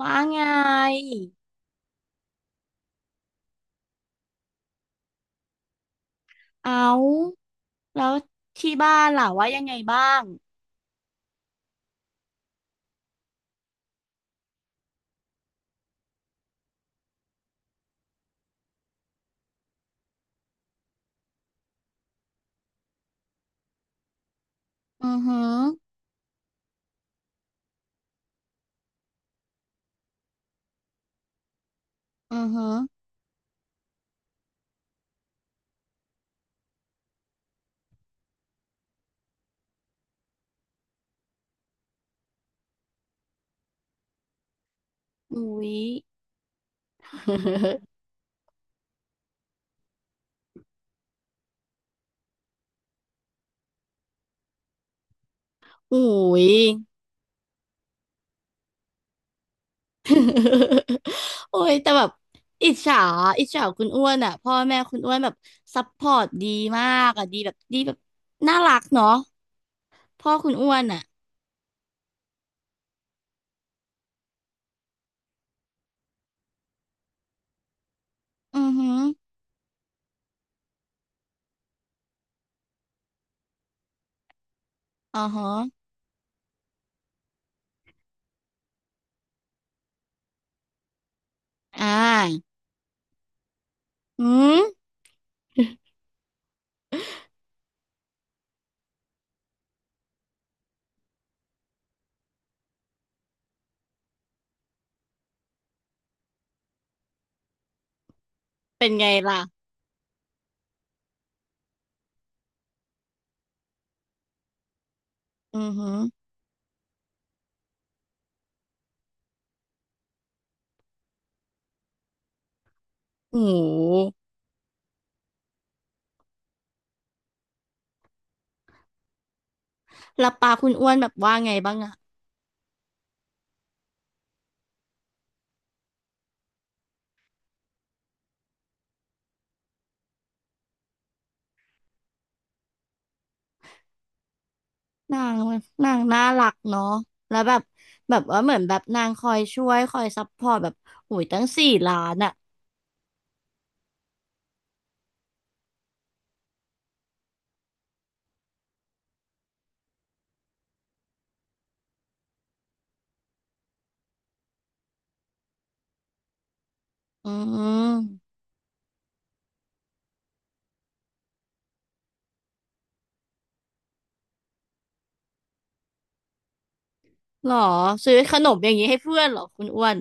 ว่าไงเอาแล้วที่บ้านล่ะว่ายังไงบ้างอือหืออือหืออุ้ย อุ้ย โอ้ยแต่แบบอิจฉาอิจฉาคุณอ้วนอ่ะพ่อแม่คุณอ้วนแบบซัพพอร์ตดีมากอ่ะดีแบบดีแบบน่ารักเนาะพ่อคุณอ้วนอ่ะอือหืออ๋อฮะอ่าอืม เป็นไงล่ะอือหือโอ้โหแล้วปาคุณอ้วนแบบว่าไงบ้างอะ นางนางน่ารักเนาะแล้วแบบแบบว่าเหมือนแบบนางคอยช่วยคอยซัพพอร์ตแบบโอ้ยตั้ง4,000,000อ่ะอืมหรอซื้อขนมอย่างนี้ให้เพื่อนเหรอคุณอ้วน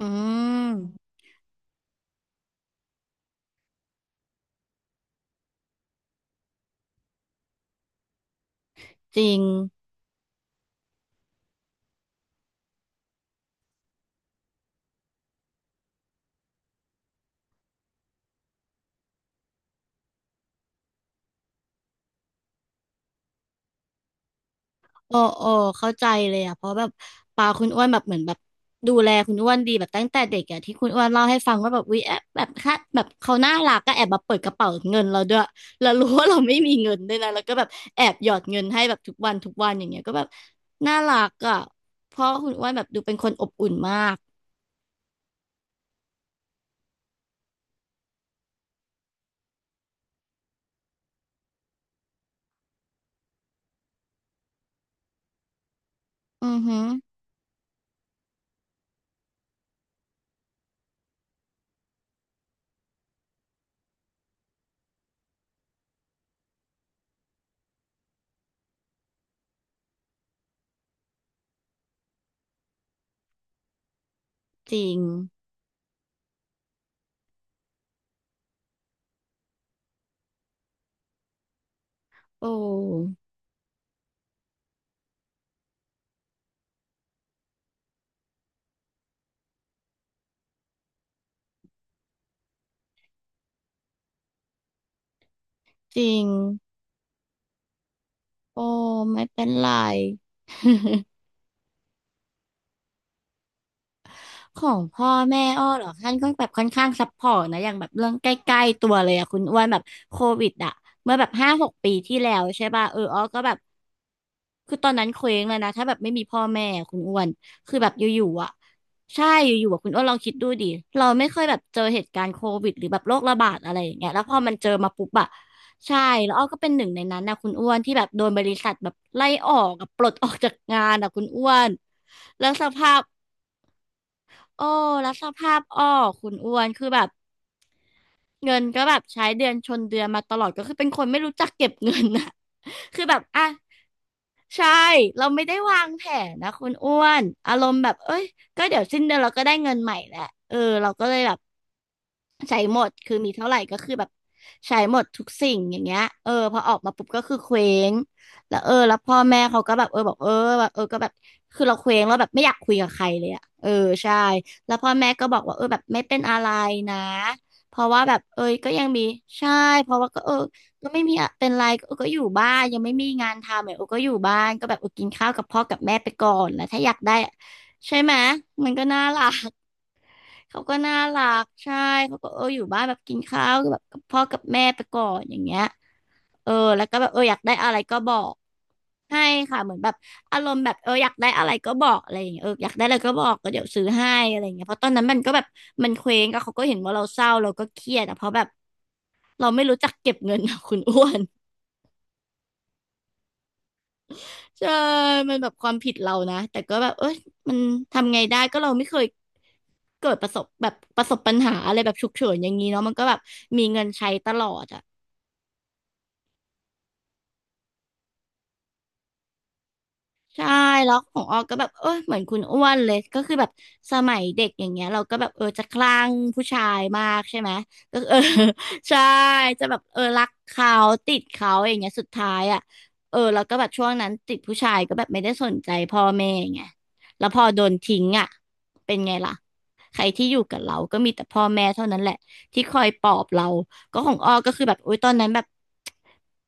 อืมจริง โอ้โอ้เข้าใจเลยอ่ะเพราะแบบปาคุณอ้วนแบบเหมือนแบบดูแลคุณอ้วนดีแบบตั้งแต่เด็กอ่ะที่คุณอ้วนเล่าให้ฟังว่าแบบวิแอบแบบค่ะแบบเขาน่ารักก็แอบมาเปิดกระเป๋าเงินเราด้วยแล้วรู้ว่าเราไม่มีเงินด้วยนะแล้วก็แบบแอบหยอดเงินให้แบบทุกวันทุกวันอย่างเงี้ยก็แบบน่ารักอ่ะเพราะคุณอ้วนแบบดูเป็นคนอบอุ่นมากอือหือจริงโอ้จริงโอ้ไม่เป็นไร ของพ่อแม่อ้อเหรอท่านก็แบบค่อนข้างซัพพอร์ตนะอย่างแบบเรื่องใกล้ๆตัวเลยอะคุณอ้วนแบบโควิดอะเมื่อแบบ5-6 ปีที่แล้วใช่ป่ะเอออ้อก็แบบคือตอนนั้นเคว้งเลยนะถ้าแบบไม่มีพ่อแม่อะคุณอ้วนคือแบบอยู่ๆอะใช่อยู่ๆอะคุณอ้วนลองคิดดูดิเราไม่เคยแบบเจอเหตุการณ์โควิดหรือแบบโรคระบาดอะไรอย่างเงี้ยแล้วพอมันเจอมาปุ๊บอ่ะใช่แล้วอ้อก็เป็นหนึ่งในนั้นนะคุณอ้วนที่แบบโดนบริษัทแบบไล่ออกกับปลดออกจากงานอะคุณอ้วนแล้วสภาพ โอ้รับสภาพอ้อคุณอ้วนคือแบบเงินก็แบบใช้เดือนชนเดือนมาตลอดก็คือเป็นคนไม่รู้จักเก็บเงินนะ คือแบบอ่ะใช่เราไม่ได้วางแผนนะคุณอ้วนอารมณ์แบบเอ้ยก็เดี๋ยวสิ้นเดือนเราก็ได้เงินใหม่แหละเออเราก็เลยแบบ ใช้หมดคือมีเท่าไหร่ก็คือแบบใช้หมดทุกสิ่งอย่างเงี้ยเออพอออกมาปุ๊บก็คือเคว้งแล้วเออแล้วพ่อแม่เขาก็แบบเออบอกเออแบบเออก็แบบคือเราเคว้งแล้วแบบไม่อยากคุยกับใครเลยอ่ะเออใช่แล้วพ่อแม่ก็บอกว่าเออแบบไม่เป็นอะไรนะเพราะว่าแบบเอยก็ยังมีใช่เพราะว่าก็เออก็ไม่มีอะเป็นไรก็เออก็อยู่บ้านยังไม่มีงานทำเออเออก็อยู่บ้านก็แบบเออกินข้าวกับพ่อกับแม่ไปก่อนแล้วถ้าอยากได้ใช่ไหมมันก็น่ารัก เขาก็น่ารักใช่เขาก็เอออยู่บ้านแบบกินข้าวแบบกับพ่อกับแม่ไปก่อนอย่างเงี้ยเออแล้วก็แบบเอออยากได้อะไรก็บอกให้ค่ะเหมือนแบบอารมณ์แบบเอออยากได้อะไรก็บอกอะไรอย่างเงี้ยเอออยากได้อะไรก็บอกก็เดี๋ยวซื้อให้อะไรอย่างเงี้ยเพราะตอนนั้นมันก็แบบมันเคว้งก็เขาก็เห็นว่าเราเศร้าเราก็เครียดอะเพราะแบบเราไม่รู้จักเก็บเงิน อะคุณอ้วน ใช่มันแบบความผิดเรานะ แต่ก็แบบเอ้ยมันทำไงได้ก็เราไม่เคยเกิดประสบแบบประสบปัญหาอะไรแบบฉุกเฉินอย่างนี้เนาะมันก็แบบมีเงินใช้ตลอดอะ ใช่แล้วของออกก็แบบเออเหมือนคุณอ้วนเลยก็คือแบบสมัยเด็กอย่างเงี้ยเราก็แบบเออจะคลั่งผู้ชายมากใช่ไหมก็เออ ใช่จะแบบเออรักเขาติดเขาอย่างเงี้ยสุดท้ายอ่ะเออแล้วก็แบบช่วงนั้นติดผู้ชายก็แบบไม่ได้สนใจพ่อแม่ไงแล้วพอโดนทิ้งอ่ะเป็นไงล่ะ ใครที่อยู่กับเราก็มีแต่พ่อแม่เท่านั้นแหละที่คอยปลอบเราก็ของอ้อก็คือแบบโอุยตอนนั้นแบบ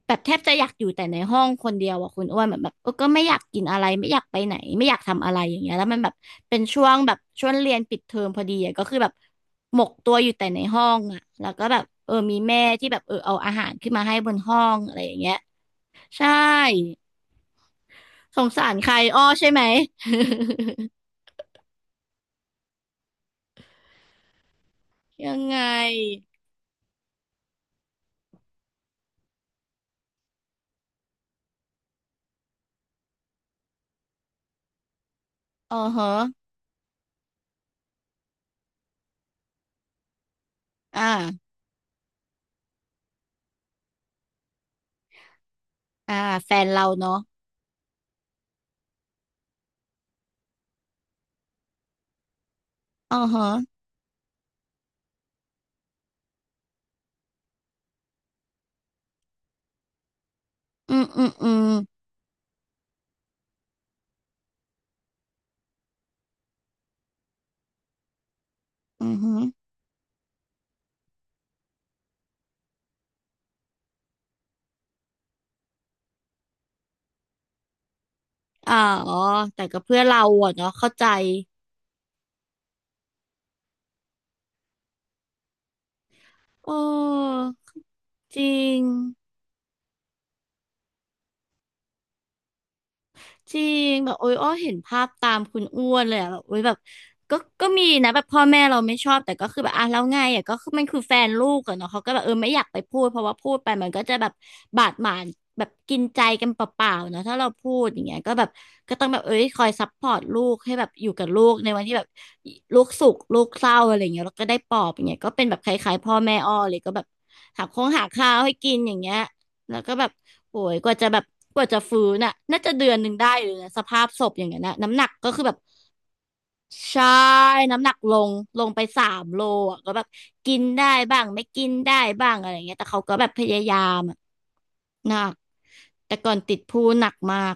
แบบแทบจะอยากอยู่แต่ในห้องคนเดียวอะคุณอ้วนเหมือนแบบเออก็ไม่อยากกินอะไรไม่อยากไปไหนไม่อยากทำอะไรอย่างเงี้ยแล้วมันแบบเป็นช่วงแบบช่วงเรียนปิดเทอมพอดีอะก็คือแบบหมกตัวอยู่แต่ในห้องอะแล้วก็แบบเออมีแม่ที่แบบเออเอาอาหารขึ้นมาให้บนห้องอะไรอย่างเงี้ยใช่สงสารใครอ้อใช่ไหม ยังไงอ๋อฮะอ่าอ่าแฟนเราเนาะอ๋อฮะอืมอืมอืมอืมฮึอ่าอ๋อแต่ก็เพื่อนเราอะเนาะเข้าใจ โอ้จริงจริงแบบโอ้ยอ้อเห็นภาพตามคุณอ้วนเลยอะแบบโอ้ยแบบก็มีนะแบบพ่อแม่เราไม่ชอบแต่ก็คือแบบอ่ะแล้วไงอ่ะก็คือมันคือแฟนลูกอะเนาะเขาก็แบบเออไม่อยากไปพูดเพราะว่าพูดไปมันก็จะแบบบาดหมางแบบกินใจกันเปล่าๆเนาะถ้าเราพูดอย่างเงี้ยก็แบบก็ต้องแบบเอ้ยคอยซัพพอร์ตลูกให้แบบอยู่กับลูกในวันที่แบบลูกสุขลูกเศร้าอะไรอย่างเงี้ยแล้วก็ได้ปลอบอย่างเงี้ยก็เป็นแบบคล้ายๆพ่อแม่อ้อเลยก็แบบหาข้าวให้กินอย่างเงี้ยแล้วก็แบบ โอ้ยกว่าจะฟื้นน่ะน่าจะเดือนหนึ่งได้เลยนะสภาพศพอย่างเงี้ยนะน้ำหนักก็คือแบบใช่น้ำหนักลงไปสามโลอ่ะก็แบบกินได้บ้างไม่กินได้บ้างอะไรเงี้ยแต่เขาก็แบบพยายามอะหนักแต่ก่อนติดพูหนักมาก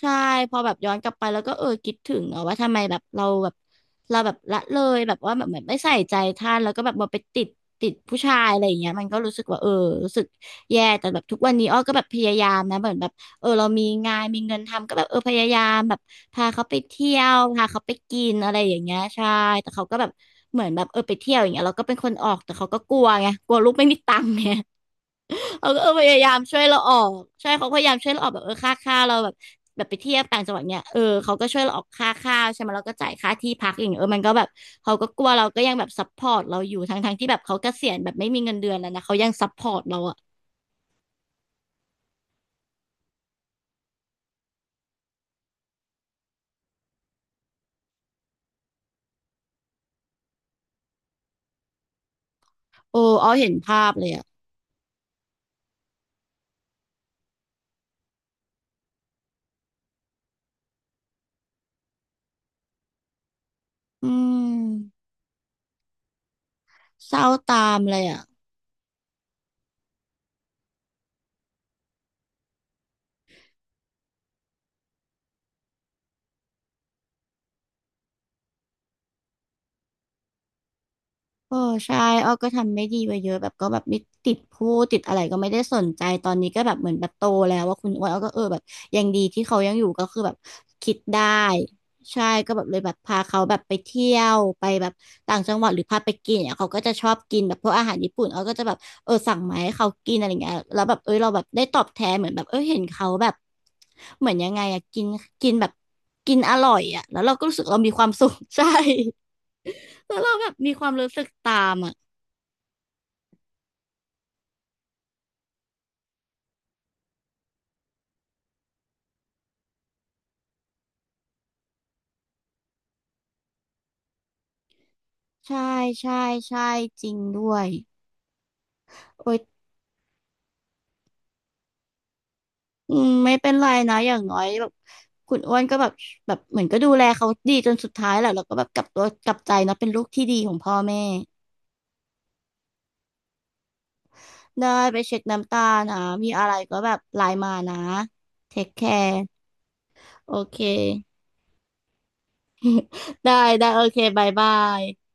ใช่พอแบบย้อนกลับไปแล้วก็เออคิดถึงอะว่าทำไมแบบเราแบบละเลยแบบว่าแบบเหมือนไม่ใส่ใจท่านแล้วก็แบบมาไปติดผู้ชายอะไรอย่างเงี้ยมันก็รู้สึกว่าเออรู้สึกแย่แต่แบบทุกวันนี้อ้อก็แบบพยายามนะเหมือนแบบเออเรามีงานมีเงินทำก็แบบเออพยายามแบบพาเขาไปเที่ยวพาเขาไปกินอะไรอย่างเงี้ยใช่แต่เขาก็แบบเหมือนแบบเออไปเที่ยวอย่างเงี้ยเราก็เป็นคนออกแต่เขาก็กลัวไงกลัวลูกไม่มีตังค์ไง เขาก็เออพยายามช่วยเราออกใช่เขาพยายามช่วยเราออกแบบเออค่าเราแบบแบบไปเที่ยวต่างจังหวัดเนี่ยเออเขาก็ช่วยเราออกค่าข้าวใช่ไหมเราก็จ่ายค่าที่พักอย่างเงี้ยเออมันก็แบบเขาก็กลัวเราก็ยังแบบซัพพอร์ตเราอยู่ทั้งที่แบบเขาเกษียณแบบไม่มีเงินเดือนแล้วนะเขายังซัพพอร์ตเราอ่ะโอ้เอาเห็นภาพเลยอ่ะอืมเศร้าตามเลยอ่ะ เออใช่อ้อก็ทำไม่ดีไปเยอะแบบก็แบบไม่ติดพูดติดอะไรก็ไม่ได้สนใจตอนนี้ก็แบบเหมือนแบบโตแล้วว่าคุณอ้วนอ้อก็เออแบบยังดีที่เขายังอยู่ก็คือแบบคิดได้ใช่ก็แบบเลยแบบพาเขาแบบไปเที่ยวไปแบบต่างจังหวัดหรือพาไปกินเนี่ยเขาก็จะชอบกินแบบพวกอาหารญี่ปุ่นอ้อก็จะแบบเออสั่งมาให้เขากินอะไรเงี้ยแล้วแบบเออเราแบบได้ตอบแทนเหมือนแบบเออเห็นเขาแบบเหมือนยังไงอะกินกินแบบกินอร่อยอะแล้วเราก็รู้สึกเรามีความสุข ใช่แล้วเราแบบมีความรู้สึกตามอ่ะ ใช่ใช่ใช่จริงด้วยโอ้ยอืมไม่เป็นไรนะอย่างน้อยแบบคุณอ้วนก็แบบเหมือนก็ดูแลเขาดีจนสุดท้ายแหละแล้วก็แบบกลับตัวกลับใจนะเป็นลูกที่ดีของพ่อแม่ได้ไปเช็คน้ำตานะมีอะไรก็แบบไลน์มานะเทคแคร์โอเค ได้ได้โอเคบายบาย